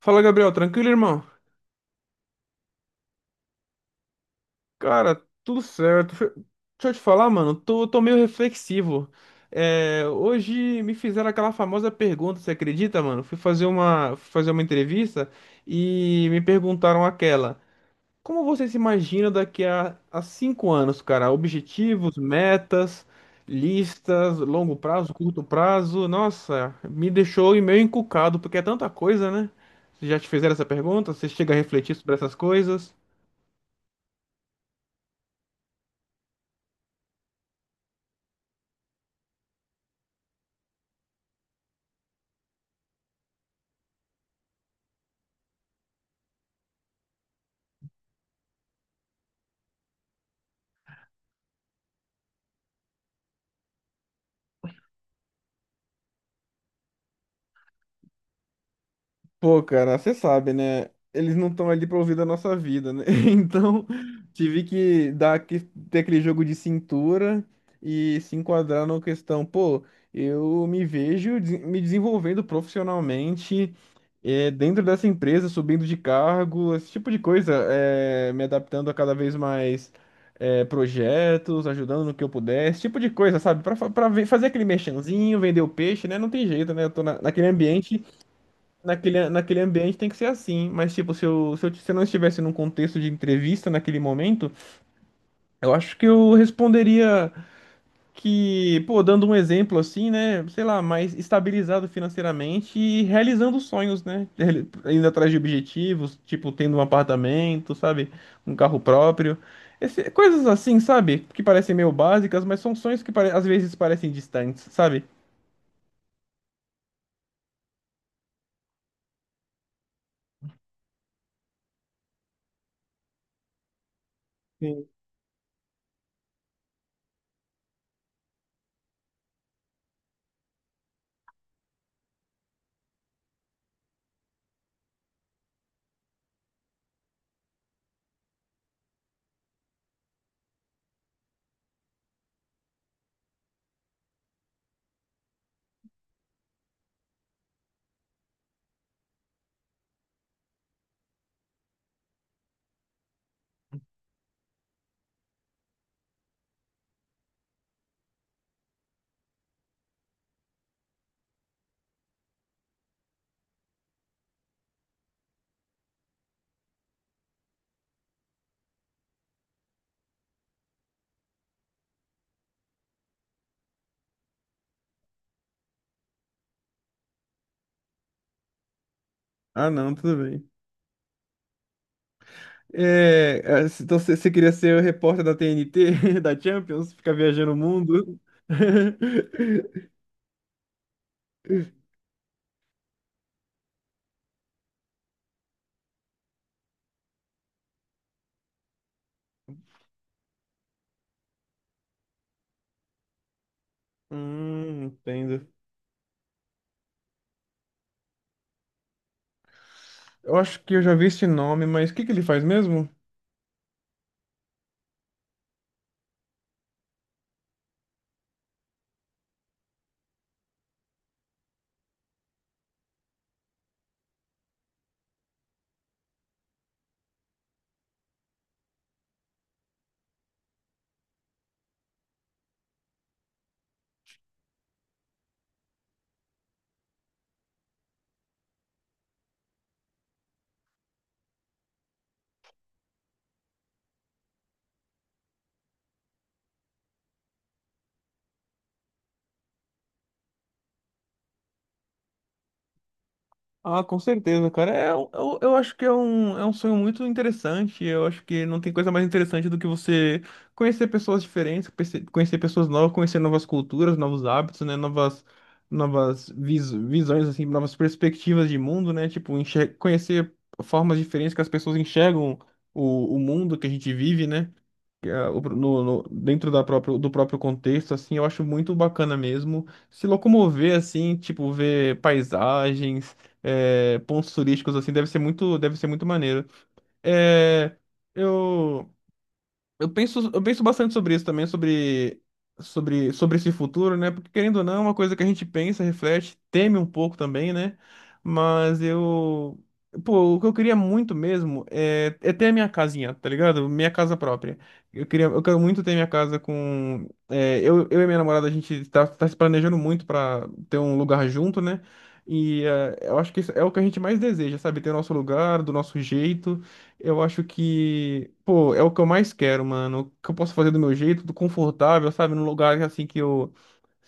Fala, Gabriel, tranquilo, irmão? Cara, tudo certo. Deixa eu te falar, mano, tô meio reflexivo. É, hoje me fizeram aquela famosa pergunta, você acredita, mano? Fui fazer fui fazer uma entrevista e me perguntaram aquela: como você se imagina daqui a 5 anos, cara? Objetivos, metas, listas, longo prazo, curto prazo. Nossa, me deixou meio encucado, porque é tanta coisa, né? Já te fizeram essa pergunta? Você chega a refletir sobre essas coisas? Pô, cara, você sabe, né? Eles não estão ali pra ouvir da nossa vida, né? Então, tive que dar que ter aquele jogo de cintura e se enquadrar na questão, pô, eu me me desenvolvendo profissionalmente dentro dessa empresa, subindo de cargo, esse tipo de coisa, me adaptando a cada vez mais projetos, ajudando no que eu puder, esse tipo de coisa, sabe? Pra fazer aquele merchanzinho, vender o peixe, né? Não tem jeito, né? Eu tô naquele ambiente. Naquele ambiente tem que ser assim, mas tipo, se eu não estivesse num contexto de entrevista naquele momento, eu acho que eu responderia que, pô, dando um exemplo assim, né, sei lá, mais estabilizado financeiramente e realizando sonhos, né, indo atrás de objetivos, tipo, tendo um apartamento, sabe, um carro próprio, coisas assim, sabe, que parecem meio básicas, mas são sonhos que às vezes parecem distantes, sabe? Sim. Ah, não, tudo bem. Então você queria ser o repórter da TNT, da Champions, ficar viajando o mundo? Entendo. Eu acho que eu já vi esse nome, mas o que que ele faz mesmo? Ah, com certeza, cara. É, eu acho que é é um sonho muito interessante. Eu acho que não tem coisa mais interessante do que você conhecer pessoas diferentes, conhecer pessoas novas, conhecer novas culturas, novos hábitos, né? Novas visões, assim, novas perspectivas de mundo, né? Tipo, conhecer formas diferentes que as pessoas enxergam o mundo que a gente vive, né? É, o pro- no- no- dentro da do próprio contexto, assim, eu acho muito bacana mesmo se locomover, assim, tipo, ver paisagens, é, pontos turísticos, assim, deve ser muito maneiro. É, eu... eu penso bastante sobre isso também, sobre esse futuro, né? Porque querendo ou não, é uma coisa que a gente pensa, reflete, teme um pouco também, né? Mas eu. Pô, o que eu queria muito mesmo é ter a minha casinha, tá ligado? Minha casa própria. Eu queria, eu quero muito ter minha casa com. É, eu e minha namorada, a gente tá se planejando muito pra ter um lugar junto, né? E é, eu acho que isso é o que a gente mais deseja, sabe? Ter o nosso lugar, do nosso jeito. Eu acho que, pô, é o que eu mais quero, mano. O que eu posso fazer do meu jeito, do confortável, sabe? Num lugar assim que eu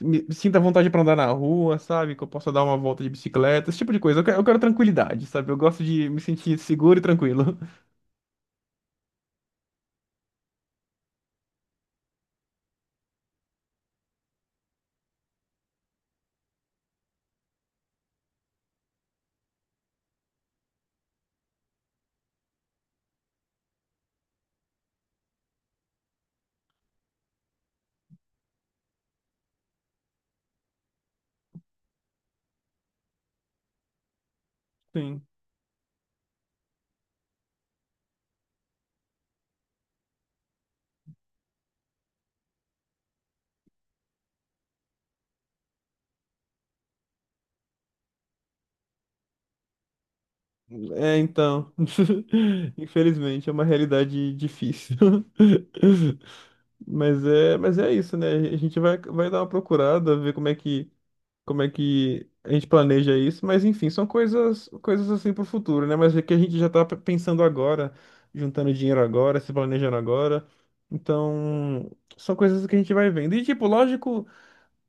me sinta à vontade pra andar na rua, sabe? Que eu possa dar uma volta de bicicleta, esse tipo de coisa. Eu quero tranquilidade, sabe? Eu gosto de me sentir seguro e tranquilo. Sim. É, então. Infelizmente, é uma realidade difícil. Mas é isso, né? A gente vai dar uma procurada, ver como é que a gente planeja isso, mas enfim, são coisas assim pro futuro, né? Mas é que a gente já tá pensando agora, juntando dinheiro agora, se planejando agora. Então, são coisas que a gente vai vendo. E tipo, lógico.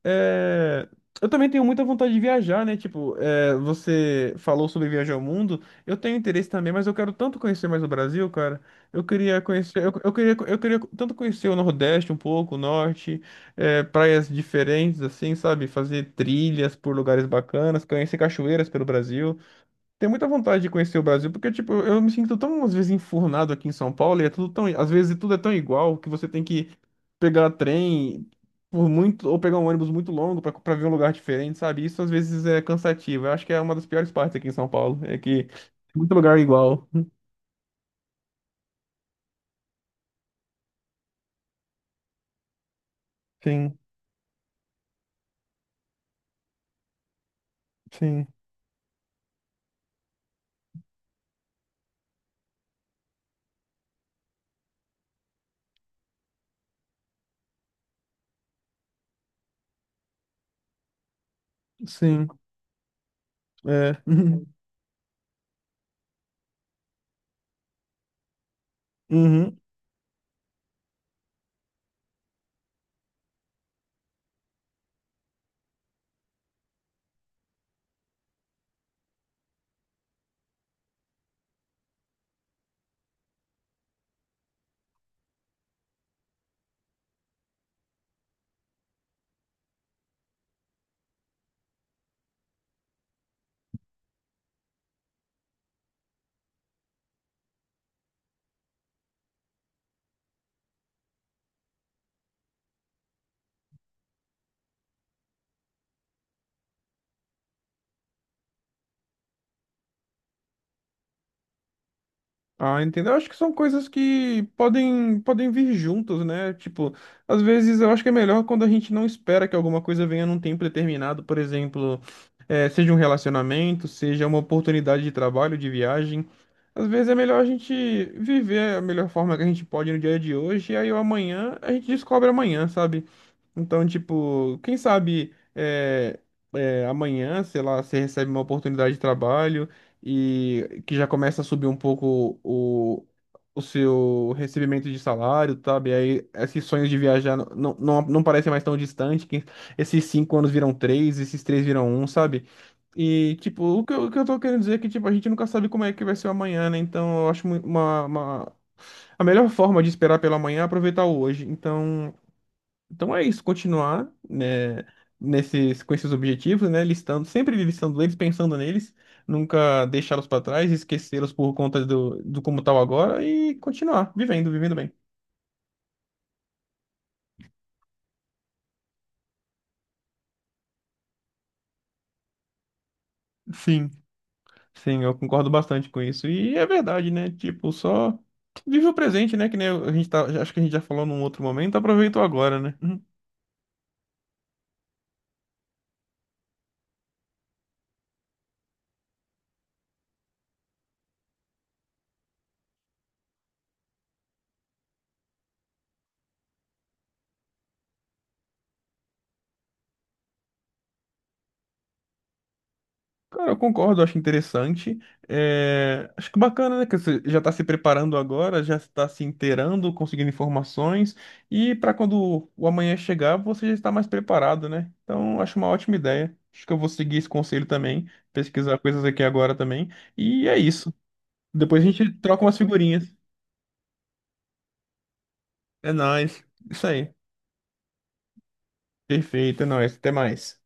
É, eu também tenho muita vontade de viajar, né? Tipo, é, você falou sobre viajar ao mundo. Eu tenho interesse também, mas eu quero tanto conhecer mais o Brasil, cara. Eu queria tanto conhecer o Nordeste um pouco, o Norte, é, praias diferentes, assim, sabe? Fazer trilhas por lugares bacanas, conhecer cachoeiras pelo Brasil. Tenho muita vontade de conhecer o Brasil, porque, tipo, eu me sinto tão, às vezes, enfurnado aqui em São Paulo, e é tudo tão, às vezes, tudo é tão igual que você tem que pegar trem por muito, ou pegar um ônibus muito longo pra ver um lugar diferente, sabe? Isso, às vezes, é cansativo. Eu acho que é uma das piores partes aqui em São Paulo, é que tem muito lugar igual. Sim, sim, sim, é. Uhum. Ah, entendo. Eu acho que são coisas que podem vir juntas, né? Tipo, às vezes eu acho que é melhor quando a gente não espera que alguma coisa venha num tempo determinado, por exemplo, seja um relacionamento, seja uma oportunidade de trabalho, de viagem. Às vezes é melhor a gente viver a melhor forma que a gente pode no dia de hoje, e aí o amanhã a gente descobre amanhã, sabe? Então, tipo, quem sabe amanhã, sei lá, você recebe uma oportunidade de trabalho e que já começa a subir um pouco o seu recebimento de salário, sabe? Aí esses sonhos de viajar não parecem mais tão distantes. Que esses 5 anos viram três, esses três viram um, sabe? E, tipo, o que eu tô querendo dizer é que, tipo, a gente nunca sabe como é que vai ser o amanhã, né? Então, eu acho uma... a melhor forma de esperar pelo amanhã é aproveitar o hoje. Então. Então é isso, continuar, né, nesses, com esses objetivos, né, listando, sempre listando eles, pensando neles, nunca deixá-los para trás, esquecê-los por conta do como tal agora e continuar vivendo, vivendo bem. Sim, Sim, eu concordo bastante com isso. E é verdade, né? Tipo, só vive o presente, né? Que nem a gente tá, acho que a gente já falou num outro momento, aproveita o agora, né? Cara, eu concordo, eu acho interessante. É, acho que bacana, né? Que você já está se preparando agora, já está se inteirando, conseguindo informações, e para quando o amanhã chegar, você já está mais preparado, né? Então, acho uma ótima ideia. Acho que eu vou seguir esse conselho também, pesquisar coisas aqui agora também. E é isso. Depois a gente troca umas figurinhas. É nóis. Isso aí. Perfeito, é nóis. Até mais.